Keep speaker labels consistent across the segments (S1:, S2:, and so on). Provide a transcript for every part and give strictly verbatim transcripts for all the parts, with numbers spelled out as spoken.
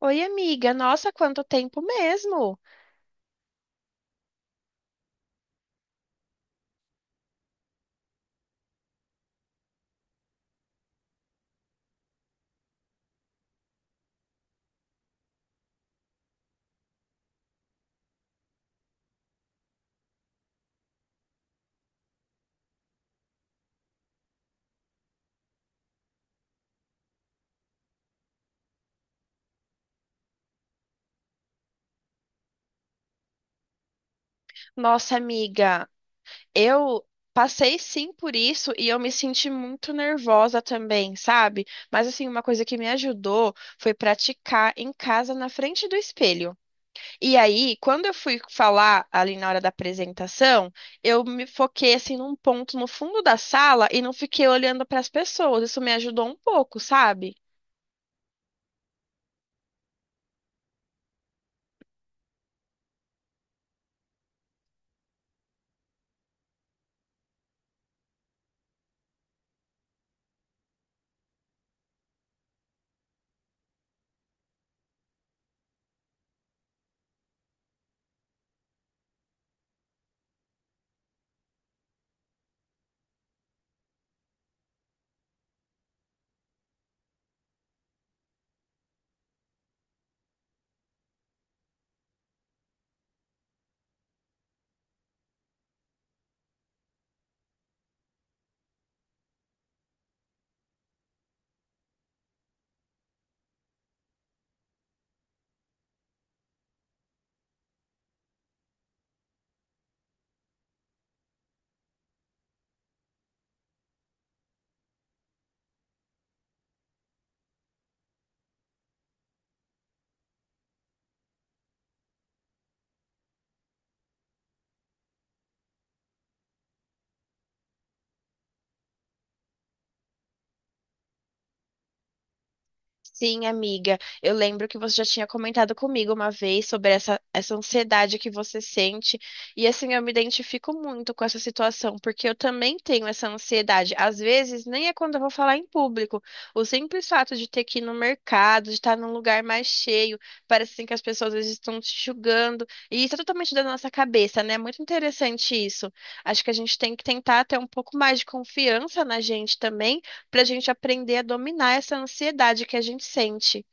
S1: Oi, amiga. Nossa, quanto tempo mesmo. Nossa, amiga, eu passei sim por isso e eu me senti muito nervosa também, sabe? Mas assim, uma coisa que me ajudou foi praticar em casa na frente do espelho. E aí, quando eu fui falar ali na hora da apresentação, eu me foquei assim num ponto no fundo da sala e não fiquei olhando para as pessoas. Isso me ajudou um pouco, sabe? Sim, amiga, eu lembro que você já tinha comentado comigo uma vez sobre essa, essa ansiedade que você sente. E assim, eu me identifico muito com essa situação, porque eu também tenho essa ansiedade. Às vezes, nem é quando eu vou falar em público. O simples fato de ter que ir no mercado, de estar num lugar mais cheio, parece assim que as pessoas às vezes estão te julgando. E isso é totalmente da nossa cabeça, né? É muito interessante isso. Acho que a gente tem que tentar ter um pouco mais de confiança na gente também para a gente aprender a dominar essa ansiedade que a gente sente.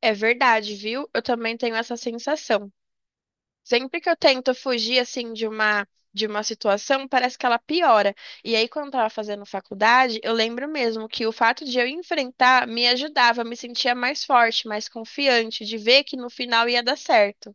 S1: É verdade, viu? Eu também tenho essa sensação. Sempre que eu tento fugir assim de uma de uma situação, parece que ela piora. E aí, quando eu tava fazendo faculdade, eu lembro mesmo que o fato de eu enfrentar me ajudava, me sentia mais forte, mais confiante, de ver que no final ia dar certo.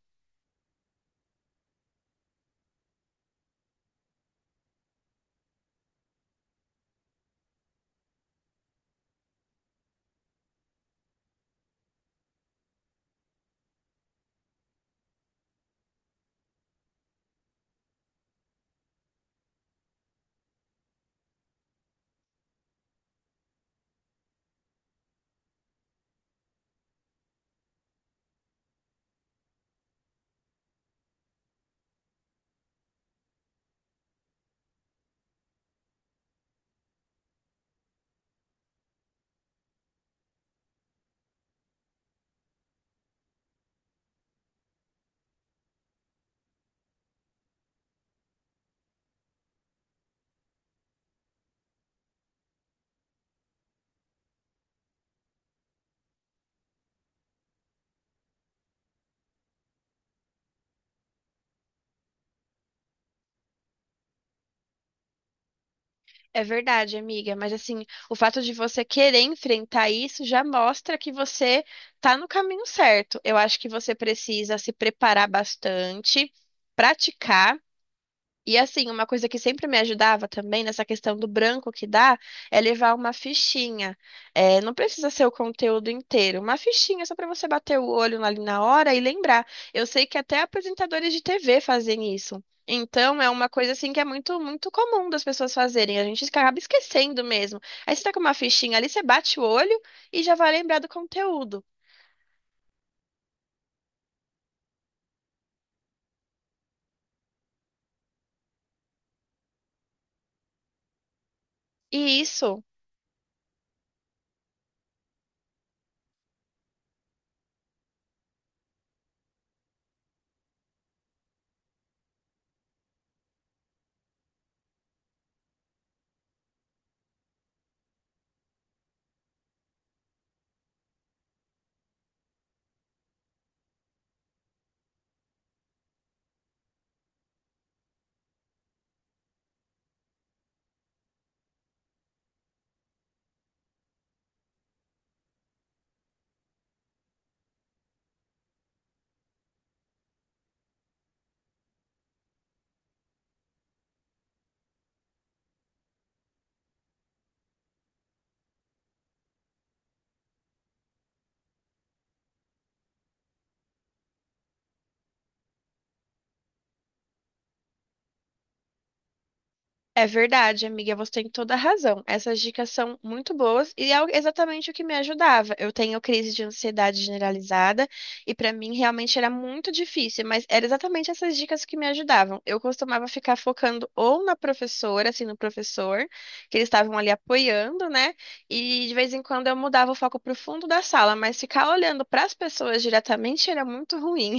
S1: É verdade, amiga, mas assim, o fato de você querer enfrentar isso já mostra que você tá no caminho certo. Eu acho que você precisa se preparar bastante, praticar. E assim, uma coisa que sempre me ajudava também nessa questão do branco que dá é levar uma fichinha. É, não precisa ser o conteúdo inteiro, uma fichinha só para você bater o olho ali na hora e lembrar. Eu sei que até apresentadores de T V fazem isso. Então, é uma coisa assim que é muito, muito comum das pessoas fazerem. A gente acaba esquecendo mesmo. Aí você tá com uma fichinha ali, você bate o olho e já vai lembrar do conteúdo. E isso é verdade, amiga, você tem toda a razão. Essas dicas são muito boas e é o- exatamente o que me ajudava. Eu tenho crise de ansiedade generalizada e para mim realmente era muito difícil, mas era exatamente essas dicas que me ajudavam. Eu costumava ficar focando ou na professora, assim, no professor, que eles estavam ali apoiando, né? E de vez em quando eu mudava o foco para o fundo da sala, mas ficar olhando para as pessoas diretamente era muito ruim.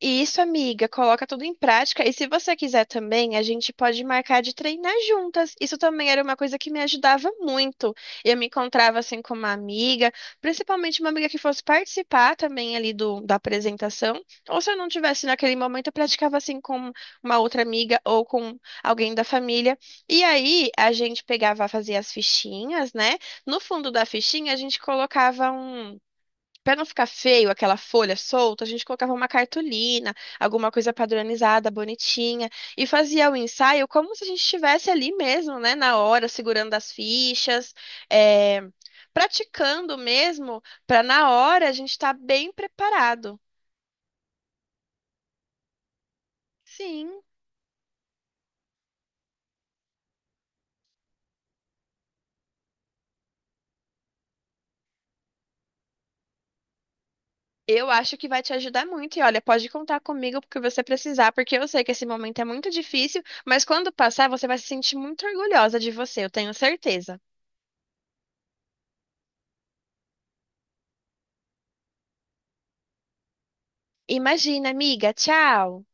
S1: Isso, amiga, coloca tudo em prática. E se você quiser também, a gente pode marcar de treinar juntas. Isso também era uma coisa que me ajudava muito. Eu me encontrava assim com uma amiga, principalmente uma amiga que fosse participar também ali do, da apresentação. Ou se eu não tivesse naquele momento, eu praticava assim com uma outra amiga ou com alguém da família. E aí a gente pegava, fazia as fichinhas, né? No fundo da fichinha, a gente colocava um, pra não ficar feio aquela folha solta, a gente colocava uma cartolina, alguma coisa padronizada, bonitinha, e fazia o ensaio como se a gente estivesse ali mesmo, né, na hora, segurando as fichas, é, praticando mesmo, para na hora a gente estar bem preparado. Sim, eu acho que vai te ajudar muito. E olha, pode contar comigo porque você precisar, porque eu sei que esse momento é muito difícil, mas quando passar, você vai se sentir muito orgulhosa de você, eu tenho certeza. Imagina, amiga, tchau!